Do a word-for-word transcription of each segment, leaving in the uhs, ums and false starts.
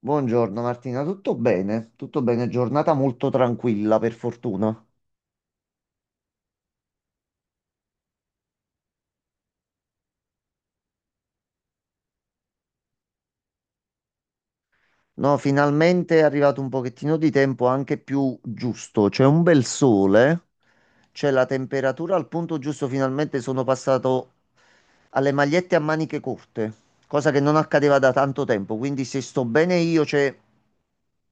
Buongiorno Martina, tutto bene? Tutto bene, giornata molto tranquilla per fortuna. No, finalmente è arrivato un pochettino di tempo anche più giusto, c'è un bel sole, c'è la temperatura al punto giusto, finalmente sono passato alle magliette a maniche corte, cosa che non accadeva da tanto tempo. Quindi se sto bene io c'è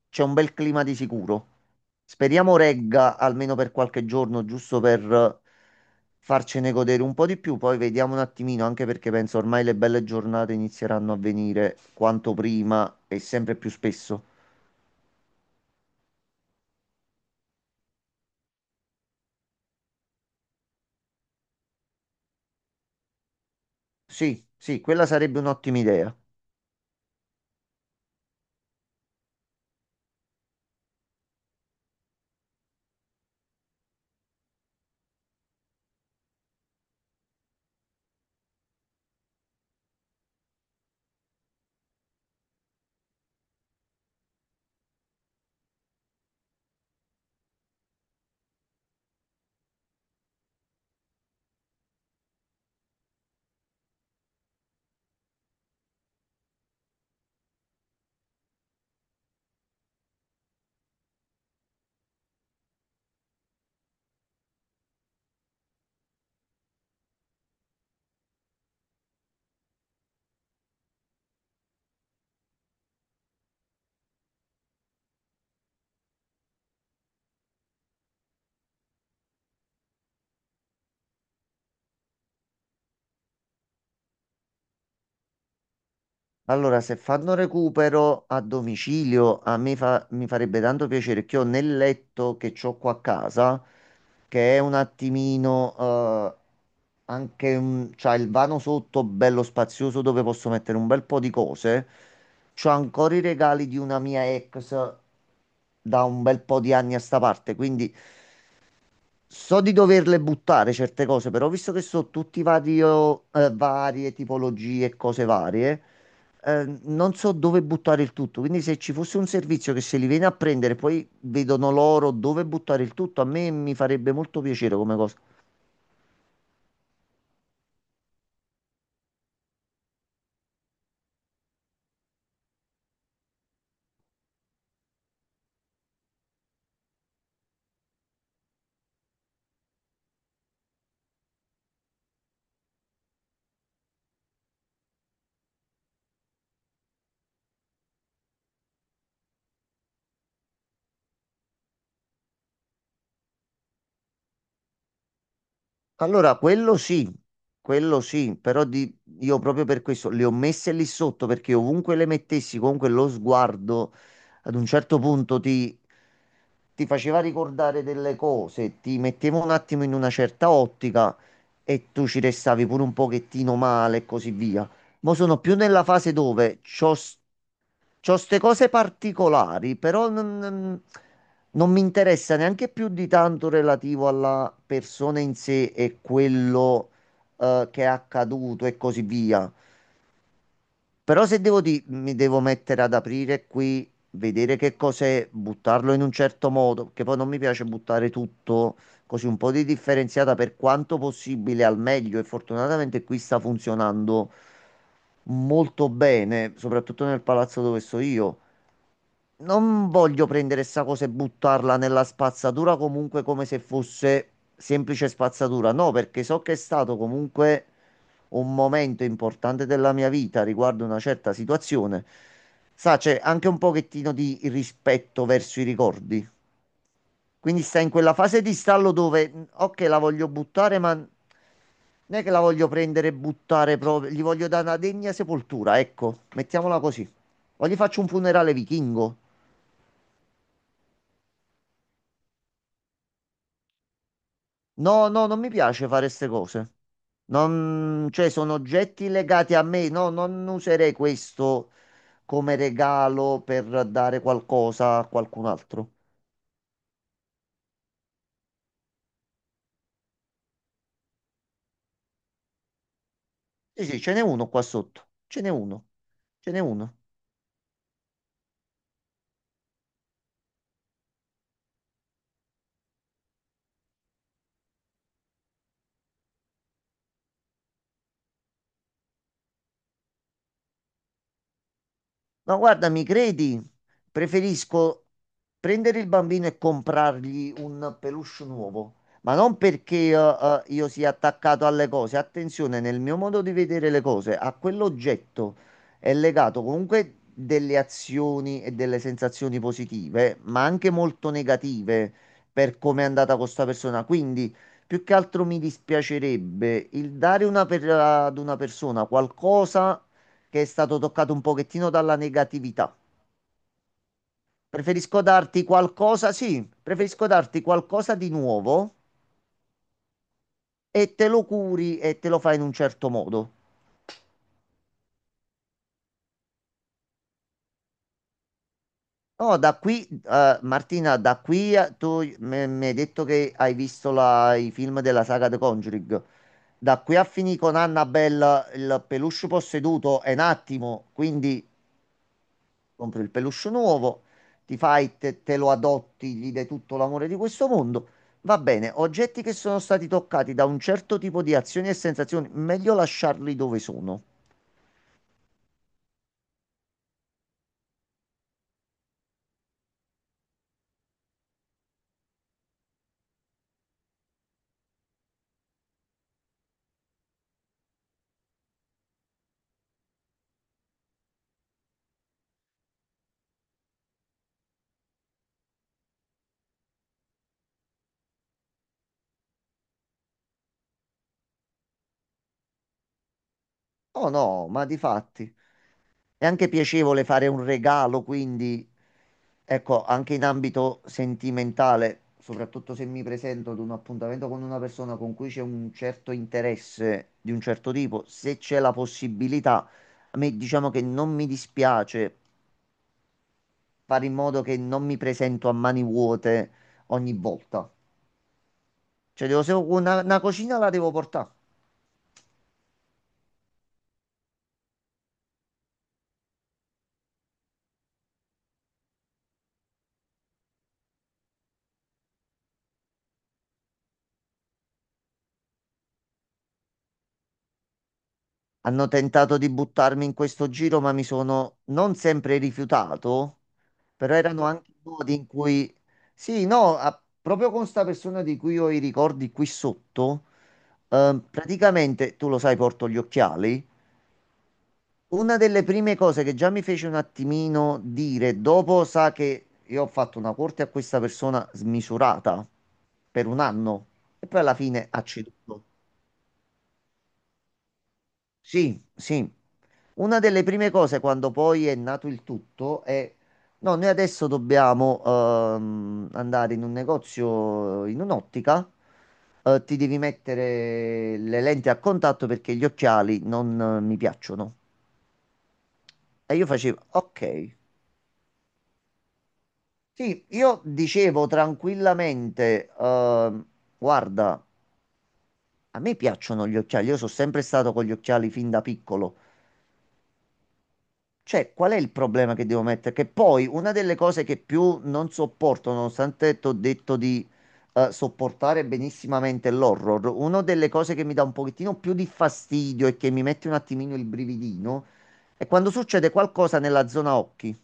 c'è un bel clima di sicuro. Speriamo regga almeno per qualche giorno, giusto per eh, farcene godere un po' di più. Poi vediamo un attimino, anche perché penso ormai le belle giornate inizieranno a venire quanto prima e sempre più spesso. Sì, sì, quella sarebbe un'ottima idea. Allora, se fanno recupero a domicilio, a me fa- mi farebbe tanto piacere che ho nel letto che ho qua a casa, che è un attimino eh, anche un, c'ha il vano sotto bello spazioso dove posso mettere un bel po' di cose. C'ho ancora i regali di una mia ex da un bel po' di anni a sta parte, quindi so di doverle buttare certe cose, però visto che so tutti vario, eh, varie tipologie e cose varie, eh, non so dove buttare il tutto. Quindi se ci fosse un servizio che se li viene a prendere, poi vedono loro dove buttare il tutto, a me mi farebbe molto piacere come cosa. Allora, quello sì, quello sì, però di- Io proprio per questo le ho messe lì sotto perché ovunque le mettessi, comunque lo sguardo ad un certo punto ti, ti faceva ricordare delle cose, ti metteva un attimo in una certa ottica e tu ci restavi pure un pochettino male e così via. Ma sono più nella fase dove c'ho c'ho queste cose particolari, però non, non- Non mi interessa neanche più di tanto relativo alla persona in sé e quello eh, che è accaduto e così via. Però se devo di- mi devo mettere ad aprire qui, vedere che cos'è, buttarlo in un certo modo, perché poi non mi piace buttare tutto così. Un po' di differenziata per quanto possibile al meglio e fortunatamente qui sta funzionando molto bene, soprattutto nel palazzo dove sto io. Non voglio prendere sta cosa e buttarla nella spazzatura comunque come se fosse semplice spazzatura. No, perché so che è stato comunque un momento importante della mia vita riguardo una certa situazione. Sa, c'è anche un pochettino di rispetto verso i ricordi. Quindi sta in quella fase di stallo dove, mh, ok, la voglio buttare, ma non è che la voglio prendere e buttare proprio. Gli voglio dare una degna sepoltura, ecco, mettiamola così. O gli faccio un funerale vichingo. No, no, non mi piace fare queste cose. Non, cioè, sono oggetti legati a me. No, non userei questo come regalo per dare qualcosa a qualcun altro. Sì, sì, ce n'è uno qua sotto. Ce n'è uno. Ce n'è uno. No, guarda, mi credi? Preferisco prendere il bambino e comprargli un peluche nuovo, ma non perché eh, eh, io sia attaccato alle cose. Attenzione, nel mio modo di vedere le cose, a quell'oggetto è legato comunque delle azioni e delle sensazioni positive, ma anche molto negative per come è andata con questa persona. Quindi, più che altro mi dispiacerebbe il dare una per- ad una persona qualcosa che è stato toccato un pochettino dalla negatività. Preferisco darti qualcosa, sì, preferisco darti qualcosa di nuovo e te lo curi e te lo fai in un certo modo. No, da qui, eh, Martina, da qui a- tu mi mi hai detto che hai visto la- i film della saga The Conjuring. Da qui a finire con Annabelle il peluche posseduto è un attimo, quindi compri il peluche nuovo, ti fai, te, te lo adotti, gli dai tutto l'amore di questo mondo. Va bene, oggetti che sono stati toccati da un certo tipo di azioni e sensazioni, meglio lasciarli dove sono. Oh no, ma di fatti è anche piacevole fare un regalo, quindi ecco, anche in ambito sentimentale, soprattutto se mi presento ad un appuntamento con una persona con cui c'è un certo interesse di un certo tipo, se c'è la possibilità, a me diciamo che non mi dispiace fare in modo che non mi presento a mani vuote ogni volta. Cioè, devo, se- una, una cucina la devo portare. Hanno tentato di buttarmi in questo giro, ma mi sono non sempre rifiutato, però erano anche modi in cui... Sì, no, a- proprio con sta persona di cui ho i ricordi qui sotto, eh, praticamente, tu lo sai, porto gli occhiali. Una delle prime cose che già mi fece un attimino dire, dopo sa che io ho fatto una corte a questa persona smisurata per un anno e poi alla fine ha ceduto. Sì, sì. Una delle prime cose quando poi è nato il tutto è no, noi adesso dobbiamo ehm, andare in un negozio, in un'ottica, eh, ti devi mettere le lenti a contatto perché gli occhiali non eh, mi piacciono. E io facevo, ok. Sì, io dicevo tranquillamente, ehm, guarda, a me piacciono gli occhiali, io sono sempre stato con gli occhiali fin da piccolo. Cioè, qual è il problema che devo mettere? Che poi una delle cose che più non sopporto, nonostante ti ho detto di eh, sopportare benissimamente l'horror, una delle cose che mi dà un pochettino più di fastidio e che mi mette un attimino il brividino è quando succede qualcosa nella zona occhi.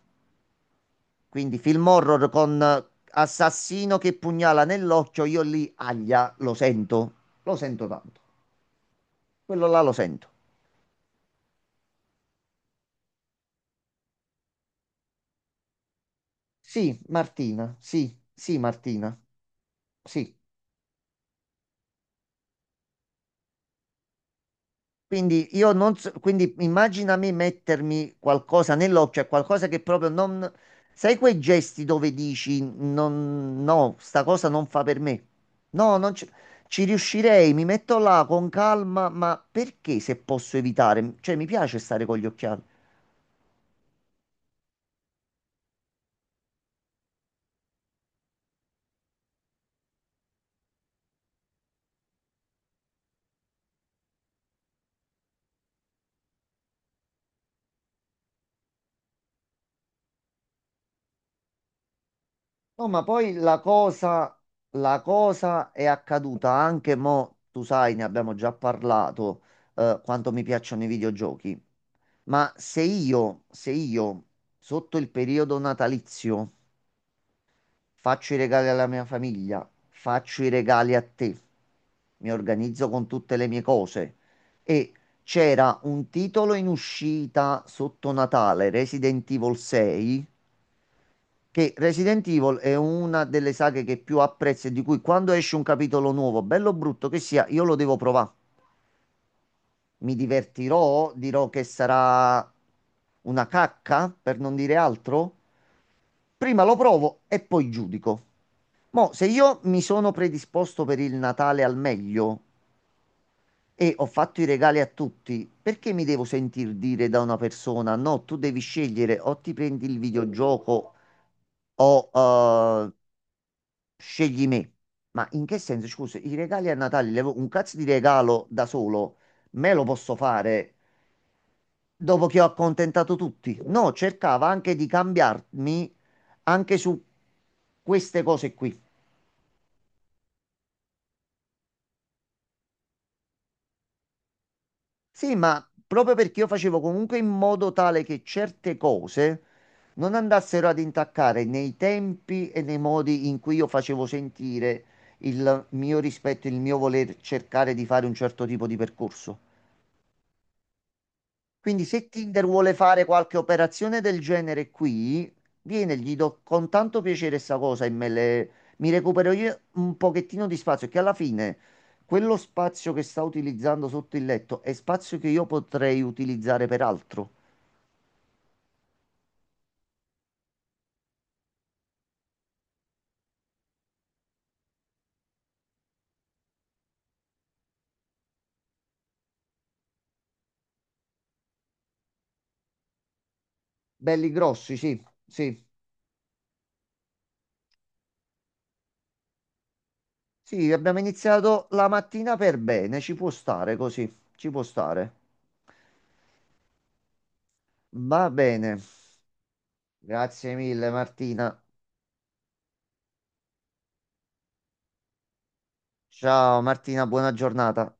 Quindi film horror con assassino che pugnala nell'occhio, io lì, aglia, lo sento, lo sento tanto. Quello là lo sento. Sì, Martina, sì, sì, Martina, sì. Quindi io non so, quindi immagina me mettermi qualcosa nell'occhio, qualcosa che proprio non... Sai quei gesti dove dici non, no, sta cosa non fa per me? No, non ci, ci riuscirei, mi metto là con calma, ma perché se posso evitare? Cioè, mi piace stare con gli occhiali. No, ma poi la cosa, la cosa è accaduta anche mo, tu sai, ne abbiamo già parlato, eh, quanto mi piacciono i videogiochi. Ma se io, se io, sotto il periodo natalizio, faccio i regali alla mia famiglia, faccio i regali a te, mi organizzo con tutte le mie cose e c'era un titolo in uscita sotto Natale, Resident Evil sei, che Resident Evil è una delle saghe che più apprezzo e di cui quando esce un capitolo nuovo, bello o brutto che sia, io lo devo provare. Mi divertirò, dirò che sarà una cacca, per non dire altro. Prima lo provo e poi giudico. Mo, se io mi sono predisposto per il Natale al meglio e ho fatto i regali a tutti, perché mi devo sentir dire da una persona, no, tu devi scegliere o ti prendi il videogioco o eh, scegli me. Ma in che senso? Scusa, i regali a Natale, levo- un cazzo di regalo da solo, me lo posso fare dopo che ho accontentato tutti? No, cercava anche di cambiarmi anche su queste cose qui. Sì, ma proprio perché io facevo comunque in modo tale che certe cose non andassero ad intaccare nei tempi e nei modi in cui io facevo sentire il mio rispetto, il mio voler cercare di fare un certo tipo di percorso. Quindi se Tinder vuole fare qualche operazione del genere qui, viene, gli do con tanto piacere sta cosa e me le- mi recupero io un pochettino di spazio, che alla fine quello spazio che sta utilizzando sotto il letto è spazio che io potrei utilizzare per altro. Belli grossi, sì, sì. Sì, abbiamo iniziato la mattina per bene, ci può stare così, ci può stare. Va bene, grazie mille Martina. Ciao Martina, buona giornata.